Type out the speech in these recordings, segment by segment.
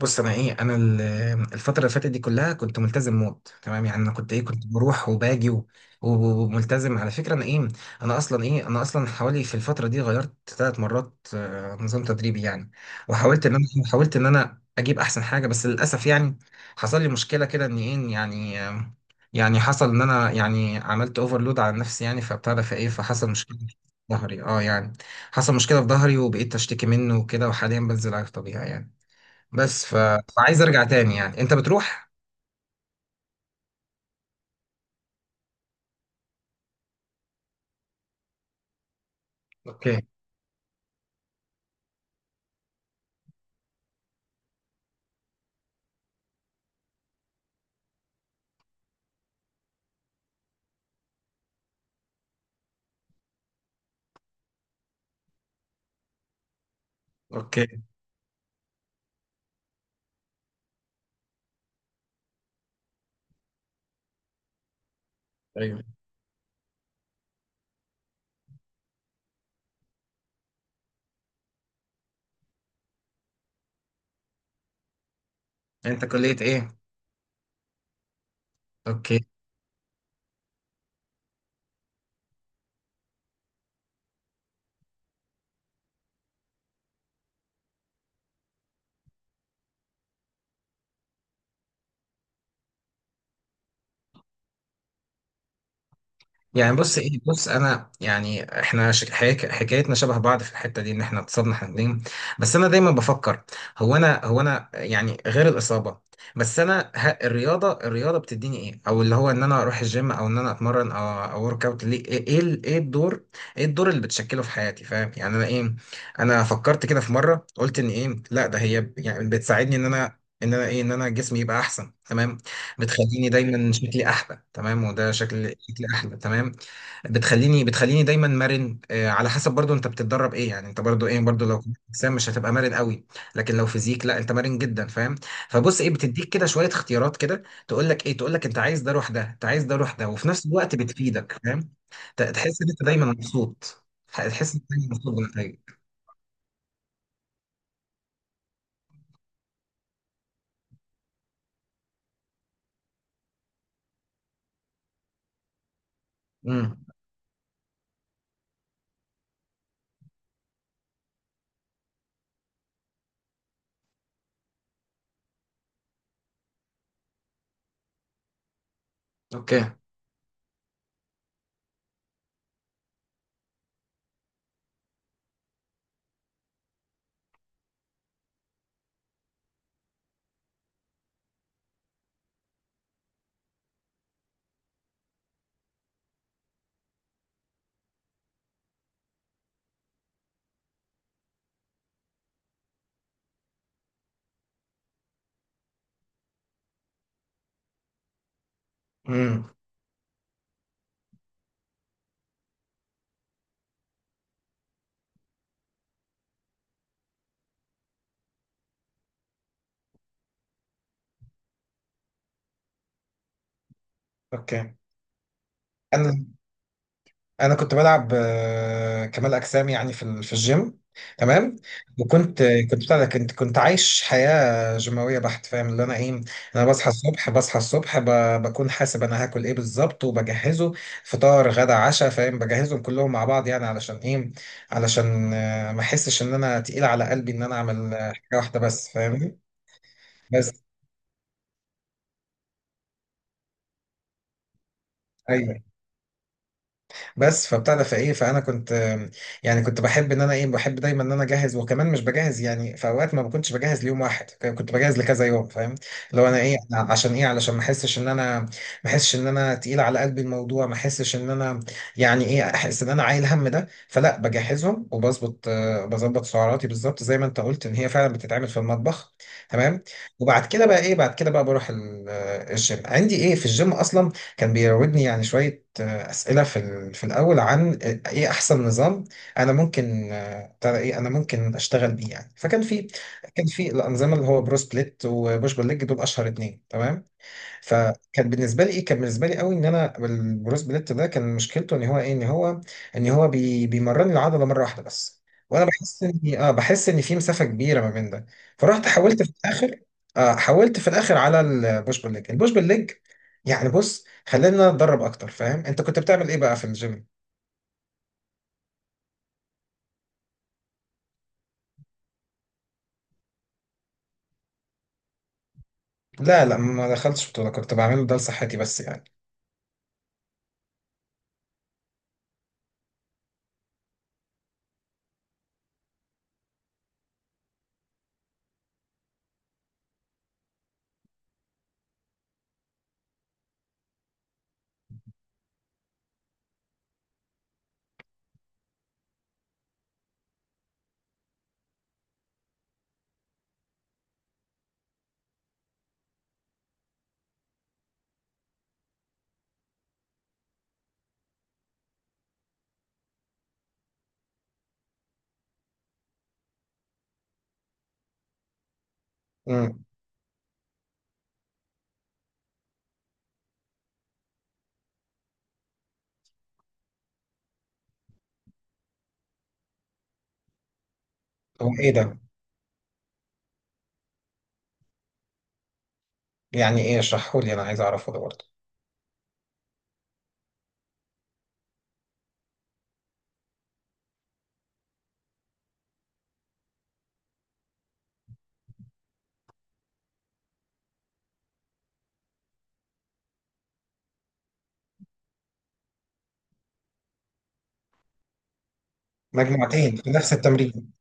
بص انا الفتره اللي فاتت دي كلها كنت ملتزم موت، تمام. يعني انا كنت بروح وباجي وملتزم، على فكره. انا ايه انا اصلا ايه انا اصلا حوالي في الفتره دي غيرت 3 مرات نظام تدريبي يعني. وحاولت ان انا إيه، حاولت ان انا اجيب احسن حاجه، بس للاسف يعني حصل لي مشكله كده، ان ايه يعني آه، يعني حصل ان انا يعني عملت اوفرلود على نفسي يعني، فبتاع ده فايه فحصل مشكله في ظهري. اه يعني حصل مشكله في ظهري وبقيت اشتكي منه وكده. وحاليا بنزل على الطبيعي يعني، بس فعايز ارجع تاني يعني. انت بتروح؟ اوكي. اوكي. ايوه. انت كلية ايه؟ اوكي. يعني بص، ايه بص انا يعني احنا حكايتنا شبه بعض في الحته دي، ان احنا اتصابنا احنا الاثنين. بس انا دايما بفكر، هو انا يعني غير الاصابه. الرياضه، بتديني ايه؟ او اللي هو ان انا اروح الجيم، او ان انا اتمرن، او ورك اوت، ليه؟ إيه الدور، ايه الدور اللي بتشكله في حياتي؟ فاهم؟ يعني انا فكرت كده في مره، قلت ان ايه، لا، ده هي يعني بتساعدني ان انا، ان انا ايه ان انا جسمي يبقى احسن، تمام. بتخليني دايما شكلي احلى، تمام، وده شكلي احلى، تمام. بتخليني دايما مرن، على حسب برضو انت بتتدرب ايه يعني. انت برضو ايه، برضو لو كنت اجسام مش هتبقى مرن قوي، لكن لو فيزيك لا، انت مرن جدا. فاهم؟ فبص، ايه، بتديك كده شويه اختيارات، كده تقول لك ايه، تقول لك انت عايز ده روح ده، انت عايز ده روح ده، وفي نفس الوقت بتفيدك. فاهم؟ تحس ان انت دايما مبسوط. تحس ان انت دايما مبسوط بنتائجك. امم. اوكي. امم. اوكي. انا، انا كنت بلعب كمال اجسام يعني في في الجيم، تمام. وكنت بتاع ده كنت عايش حياه جيماويه بحت. فاهم اللي انا ايه؟ انا بصحى الصبح، بصحى الصبح بكون حاسب انا هاكل ايه بالظبط، وبجهزه. فطار، غدا، عشاء. فاهم؟ بجهزهم كلهم مع بعض، يعني علشان ايه؟ علشان ما احسش ان انا تقيل على قلبي، ان انا اعمل حاجه واحده بس. فاهمني؟ بس، ايوه، بس فبتاع ده فايه فانا كنت يعني كنت بحب ان انا ايه، بحب دايما ان انا اجهز، وكمان مش بجهز يعني، في اوقات ما كنتش بجهز ليوم واحد، كنت بجهز لكذا يوم. فاهم؟ لو انا ايه، أنا عشان ايه، علشان ما احسش ان انا، ما احسش ان انا تقيل على قلبي الموضوع، ما احسش ان انا، يعني ايه، احس ان انا عايل هم ده، فلا بجهزهم وبظبط بظبط سعراتي بالظبط، زي ما انت قلت ان هي فعلا بتتعمل في المطبخ، تمام. وبعد كده بقى ايه، بعد كده بقى بروح الجيم. عندي ايه، في الجيم اصلا كان بيراودني يعني شويه أسئلة في في الأول، عن إيه أحسن نظام أنا ممكن ترى إيه أنا ممكن أشتغل بيه يعني. فكان في، كان في الأنظمة اللي هو برو سبليت، وبوش بول ليج، دول أشهر 2، تمام. فكان بالنسبه لي ايه، كان بالنسبه لي قوي، ان انا البروس بليت ده كان مشكلته ان هو ايه، ان هو، ان هو بيمرني العضله مره واحده بس، وانا بحس اني اه، بحس ان في مسافه كبيره ما بين ده. فرحت حاولت في الاخر، آه، حاولت في الاخر على البوش بول ليج. البوش بول ليج. يعني بص، خلينا نتدرب اكتر. فاهم؟ انت كنت بتعمل ايه بقى في الجيم؟ لا لا، ما دخلتش بطوله، كنت بعمله ده لصحتي بس يعني. امم. هو ايه ده؟ يعني ايه؟ اشرحه لي، انا عايز اعرفه ده برضه. مجموعتين في نفس التمرين؟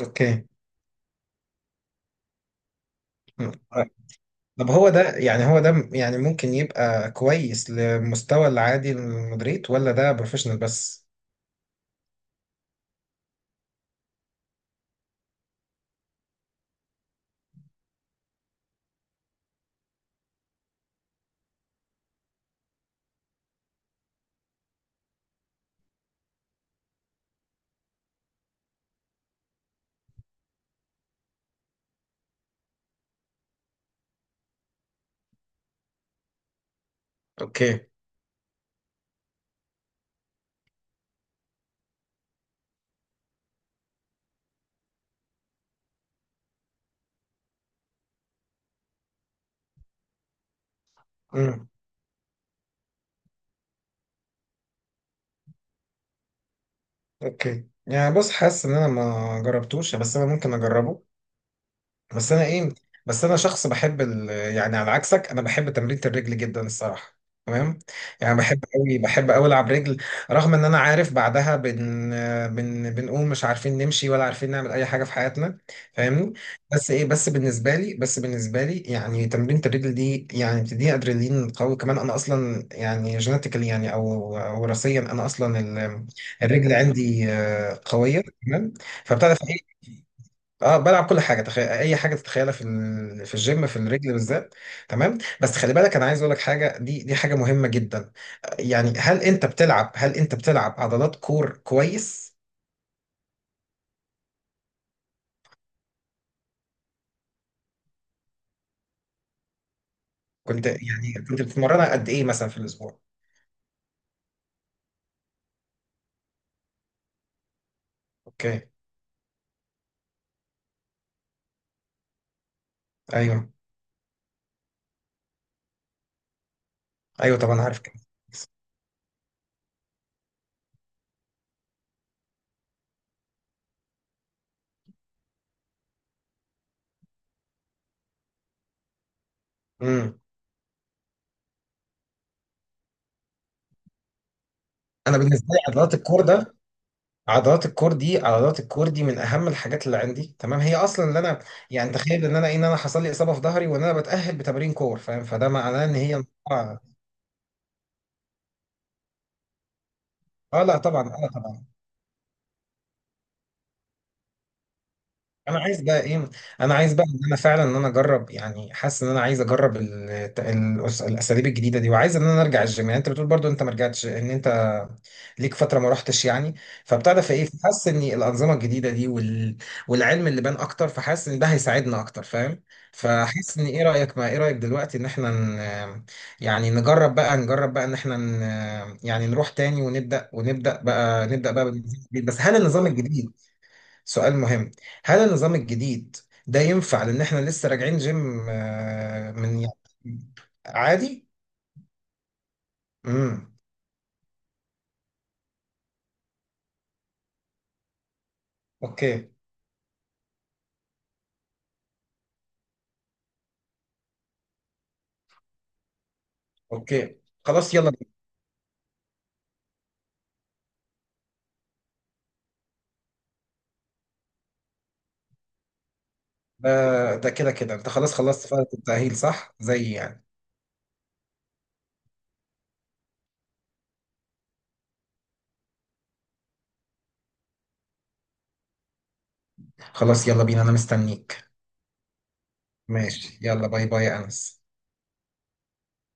اوكي. مم. طب هو ده يعني، هو ده يعني ممكن يبقى كويس لمستوى العادي للمدريد، ولا ده بروفيشنال بس؟ اوكي. امم. اوكي. يعني بص، حاسس ان انا ما جربتوش، بس انا ممكن اجربه. بس انا ايه، بس انا شخص بحب يعني على عكسك انا بحب تمرين الرجل جدا، الصراحه، تمام. يعني بحب قوي العب رجل. رغم ان انا عارف بعدها بن بن بنقوم مش عارفين نمشي، ولا عارفين نعمل اي حاجه في حياتنا. فاهمني؟ بس ايه، بس بالنسبه لي يعني تمرين الرجل دي يعني بتديني ادرينالين قوي. كمان انا اصلا يعني جينيتيكالي يعني، او وراثيا، انا اصلا الرجل عندي قويه، تمام. فبتعرف، اه بلعب كل حاجه، تخيل اي حاجه تتخيلها في في الجيم، في الرجل بالذات، تمام. بس خلي بالك، انا عايز اقول لك حاجه، دي حاجه مهمه جدا، يعني هل انت بتلعب عضلات كور كويس؟ كنت يعني كنت بتتمرنها قد ايه مثلا في الاسبوع؟ اوكي. ايوه. ايوه طبعا، عارف كده. امم. انا بالنسبه لي عضلات الكور ده، عضلات الكور دي من اهم الحاجات اللي عندي، تمام. هي اصلا اللي انا يعني، تخيل ان انا إيه، ان انا حصل لي اصابه في ظهري، وان انا بتاهل بتمارين كور. فاهم؟ فده معناه ان هي، اه لا طبعا، انا طبعا، انا عايز بقى ايه، انا عايز بقى ان انا فعلا، ان انا اجرب، يعني حاسس ان انا عايز اجرب الاساليب الجديده دي، وعايز ان انا ارجع الجيم، يعني انت بتقول برضو انت ما رجعتش، ان انت ليك فتره ما رحتش يعني. فبتعرف في ايه، فحاسس ان الانظمه الجديده دي والعلم اللي بان اكتر، فحاسس ان ده هيساعدنا اكتر. فاهم؟ فحاسس ان ايه رايك، ما ايه رايك دلوقتي، ان احنا ن... يعني نجرب بقى ان احنا يعني نروح تاني ونبدا، ونبدا بقى نبدا بقى بالنظام الجديد. بس هل النظام الجديد، سؤال مهم، هل النظام الجديد ده ينفع؟ لان احنا لسه راجعين جيم من يعني. عادي. امم. اوكي. اوكي. خلاص يلا بينا. ده ده كده كده انت خلاص خلصت فترة التأهيل، صح؟ زي يعني. خلاص يلا بينا، انا مستنيك. ماشي، يلا، باي باي يا انس.